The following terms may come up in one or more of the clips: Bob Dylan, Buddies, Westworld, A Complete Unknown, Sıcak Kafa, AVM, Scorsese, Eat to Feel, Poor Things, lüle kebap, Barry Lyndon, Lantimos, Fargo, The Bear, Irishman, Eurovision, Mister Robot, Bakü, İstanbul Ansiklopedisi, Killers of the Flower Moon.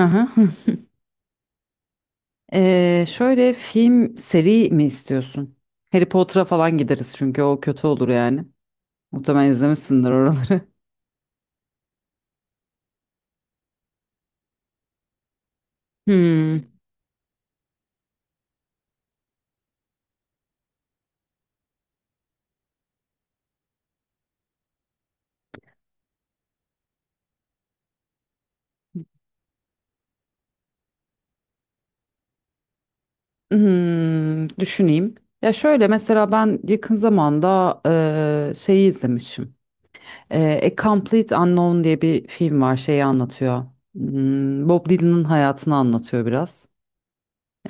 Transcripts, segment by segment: Aha. Hı. Şöyle film seri mi istiyorsun? Harry Potter'a falan gideriz çünkü o kötü olur yani. Muhtemelen izlemişsindir oraları. Hmm. Hmm, düşüneyim. Ya şöyle mesela ben yakın zamanda şeyi izlemişim. A Complete Unknown diye bir film var. Şeyi anlatıyor. Hmm, Bob Dylan'ın hayatını anlatıyor biraz.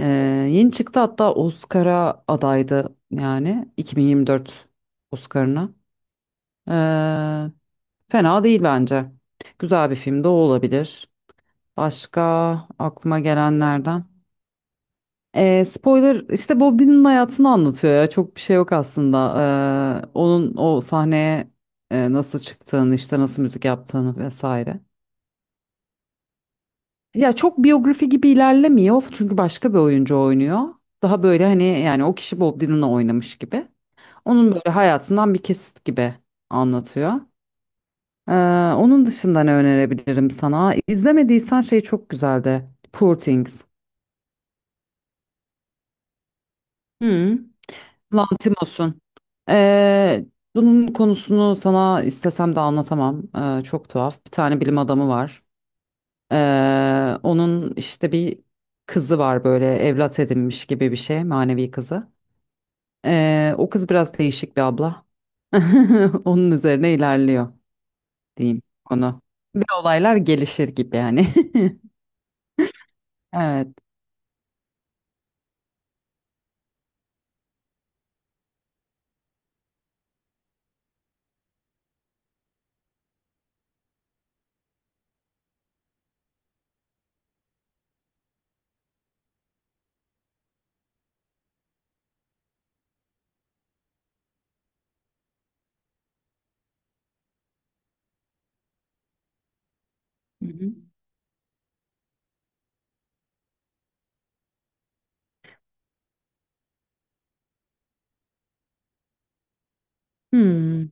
Eee, yeni çıktı, hatta Oscar'a adaydı, yani 2024 Oscar'ına. Fena değil bence. Güzel bir film de o olabilir. Başka aklıma gelenlerden. Spoiler işte Bob Dylan'ın hayatını anlatıyor ya. Çok bir şey yok aslında. Onun o sahneye nasıl çıktığını, işte nasıl müzik yaptığını vesaire. Ya çok biyografi gibi ilerlemiyor çünkü başka bir oyuncu oynuyor. Daha böyle hani yani o kişi Bob Dylan'la oynamış gibi. Onun böyle hayatından bir kesit gibi anlatıyor. Ee, onun dışında ne önerebilirim sana? İzlemediysen şey çok güzeldi. Poor Things. Hı. Lantimos'un. Ee, bunun konusunu sana istesem de anlatamam. Çok tuhaf. Bir tane bilim adamı var. Onun işte bir kızı var, böyle evlat edinmiş gibi bir şey, manevi kızı. O kız biraz değişik bir abla. Onun üzerine ilerliyor diyeyim onu. Ve olaylar gelişir gibi yani. Evet. Hmm.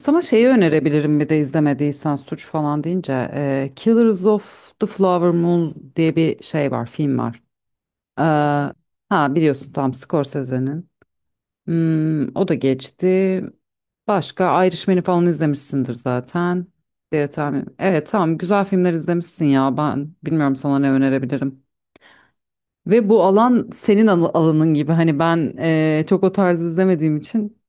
Sana şeyi önerebilirim, bir de izlemediysen suç falan deyince Killers of the Flower Moon diye bir şey var, film var. E, ha biliyorsun, tam Scorsese'nin. Hmm, o da geçti. Başka Irishman'i falan izlemişsindir zaten. Evet, tamam, güzel filmler izlemişsin ya, ben bilmiyorum sana ne önerebilirim. Ve bu alan senin alanın gibi hani, ben çok o tarz izlemediğim için.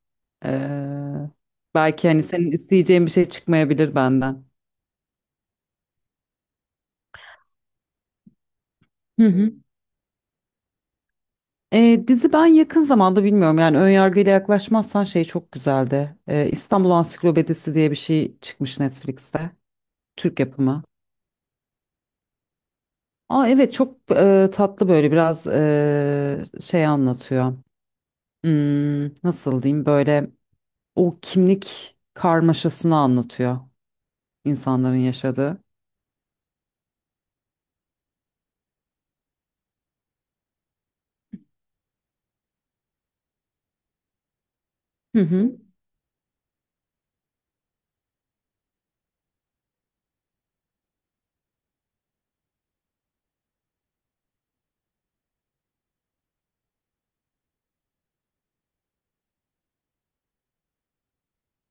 Ee, belki hani senin isteyeceğin bir şey çıkmayabilir benden. Hı hı. Dizi, ben yakın zamanda bilmiyorum yani, ön yargıyla yaklaşmazsan şey çok güzeldi. İstanbul Ansiklopedisi diye bir şey çıkmış Netflix'te. Türk yapımı. Aa evet, çok tatlı böyle, biraz şey anlatıyor. Hmm, nasıl diyeyim, böyle o kimlik karmaşasını anlatıyor insanların yaşadığı. Hı hı.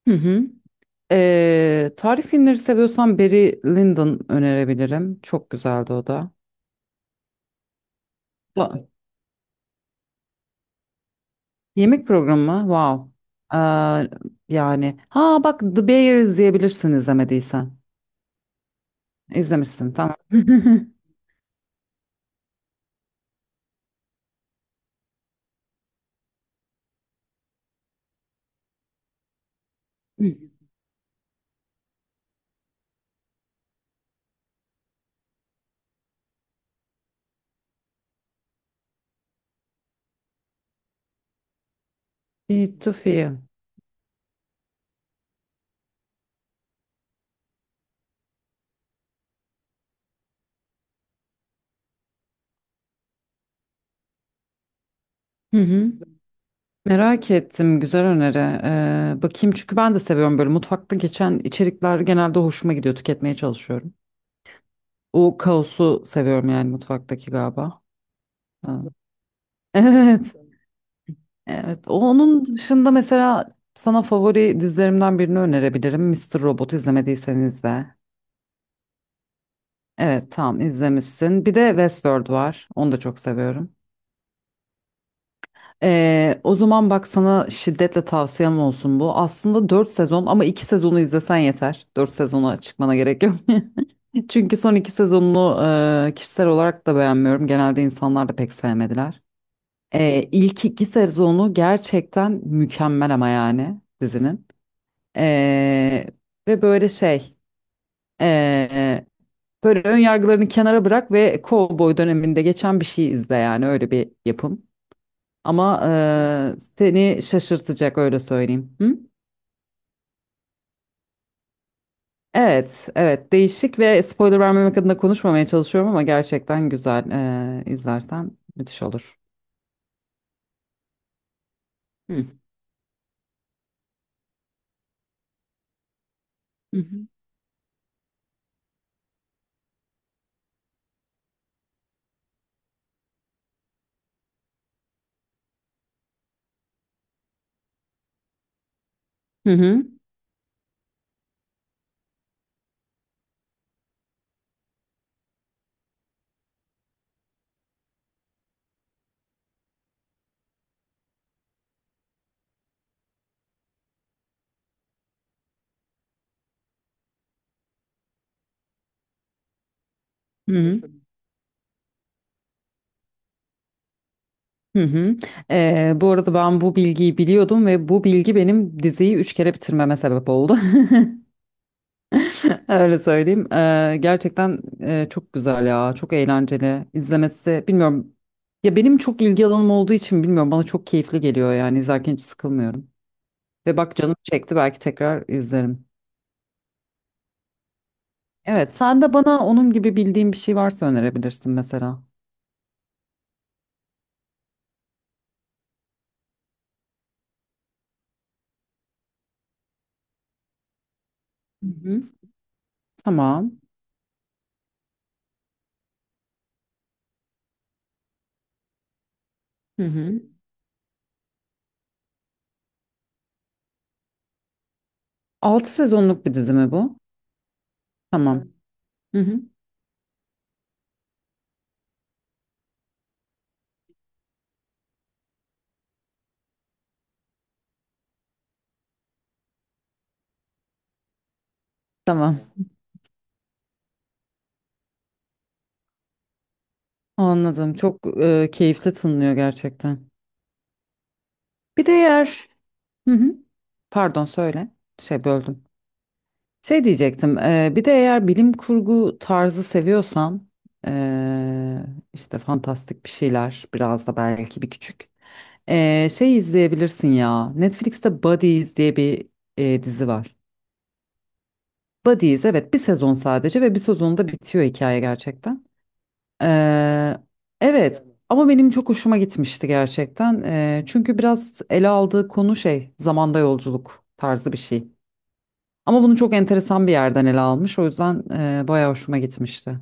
Hı hı. Tarih filmleri seviyorsan Barry Lyndon önerebilirim. Çok güzeldi o da. Ba- Yemek programı, wow. Ee, yani ha bak, The Bear izleyebilirsin izlemediysen. İzlemişsin, tamam. Eat to Feel. Hı hı. Merak ettim, güzel öneri. Bakayım çünkü ben de seviyorum, böyle mutfakta geçen içerikler genelde hoşuma gidiyor, tüketmeye çalışıyorum. O kaosu seviyorum yani, mutfaktaki galiba. Ha. Evet. Evet, onun dışında mesela sana favori dizilerimden birini önerebilirim. Mister Robot, izlemediyseniz de. Evet, tamam, izlemişsin. Bir de Westworld var. Onu da çok seviyorum. O zaman bak, sana şiddetle tavsiyem olsun bu. Aslında 4 sezon ama 2 sezonu izlesen yeter. 4 sezona çıkmana gerek yok. Çünkü son 2 sezonunu kişisel olarak da beğenmiyorum. Genelde insanlar da pek sevmediler. İlk iki sezonu gerçekten mükemmel ama, yani dizinin. Ee, ve böyle ee, böyle ön yargılarını kenara bırak ve Cowboy döneminde geçen bir şey izle, yani öyle bir yapım. Ama seni şaşırtacak, öyle söyleyeyim. Hı? Evet, evet, değişik ve spoiler vermemek adına konuşmamaya çalışıyorum ama gerçekten güzel. İzlersen müthiş olur. Hı. Hı hı. Hı hı. Hı hı. Hı hı. Bu arada ben bu bilgiyi biliyordum ve bu bilgi benim diziyi üç kere bitirmeme sebep oldu. Öyle söyleyeyim. Gerçekten çok güzel ya. Çok eğlenceli. İzlemesi bilmiyorum. Ya benim çok ilgi alanım olduğu için bilmiyorum. Bana çok keyifli geliyor yani. İzlerken hiç sıkılmıyorum. Ve bak, canım çekti. Belki tekrar izlerim. Evet. Sen de bana onun gibi bildiğin bir şey varsa önerebilirsin mesela. Hı hı. Tamam. Hı hı. altı sezonluk bir dizi mi bu? Tamam. Hı hı. Tamam. Anladım. Çok keyifli tınlıyor gerçekten. Bir de eğer... Hı hı. Pardon, söyle. Şey, böldüm. Şey diyecektim, bir de eğer bilim kurgu tarzı seviyorsan, e, işte fantastik bir şeyler, biraz da belki bir küçük. Şey izleyebilirsin ya, Netflix'te Buddies diye bir dizi var. Buddies, evet, bir sezon sadece ve bir sezonda bitiyor hikaye gerçekten. E, evet, ama benim çok hoşuma gitmişti gerçekten. Çünkü biraz ele aldığı konu şey, zamanda yolculuk tarzı bir şey. Ama bunu çok enteresan bir yerden ele almış. O yüzden bayağı hoşuma gitmişti.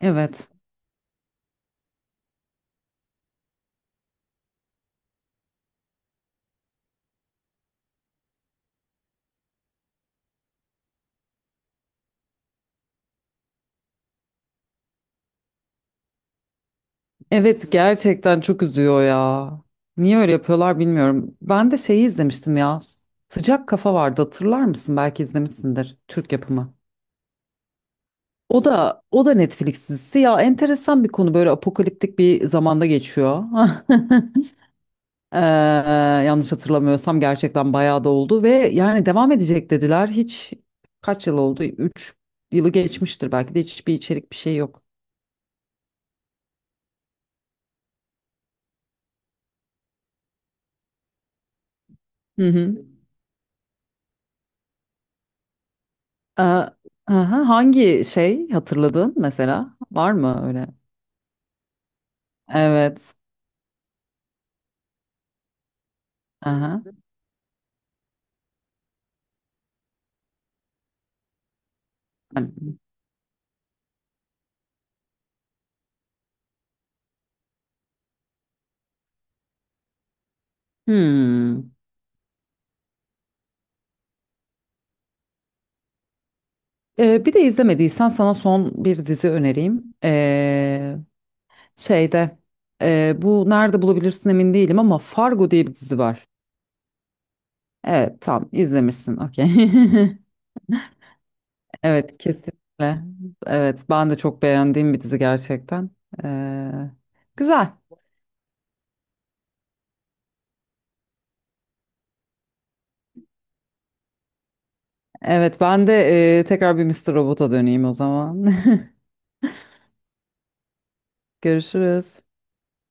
Evet. Evet, gerçekten çok üzüyor ya. Niye öyle yapıyorlar bilmiyorum. Ben de şeyi izlemiştim ya. Sıcak Kafa vardı, hatırlar mısın? Belki izlemişsindir. Türk yapımı. O da Netflix dizisi ya, enteresan bir konu, böyle apokaliptik bir zamanda geçiyor. Yanlış hatırlamıyorsam gerçekten bayağı da oldu ve yani devam edecek dediler. Hiç kaç yıl oldu? 3 yılı geçmiştir belki de, hiçbir içerik bir şey yok. Hı hı. Aha, hangi şey hatırladın mesela? Var mı öyle? Evet. Aha. Ben- Hmm. Bir de izlemediysen sana son bir dizi önereyim. Şeyde bu nerede bulabilirsin emin değilim ama Fargo diye bir dizi var. Evet, tam izlemişsin. Okey. Evet, kesinlikle. Evet, ben de çok beğendiğim bir dizi gerçekten. Ee, güzel. Evet, ben de tekrar bir Mr. Robot'a döneyim o zaman. Görüşürüz.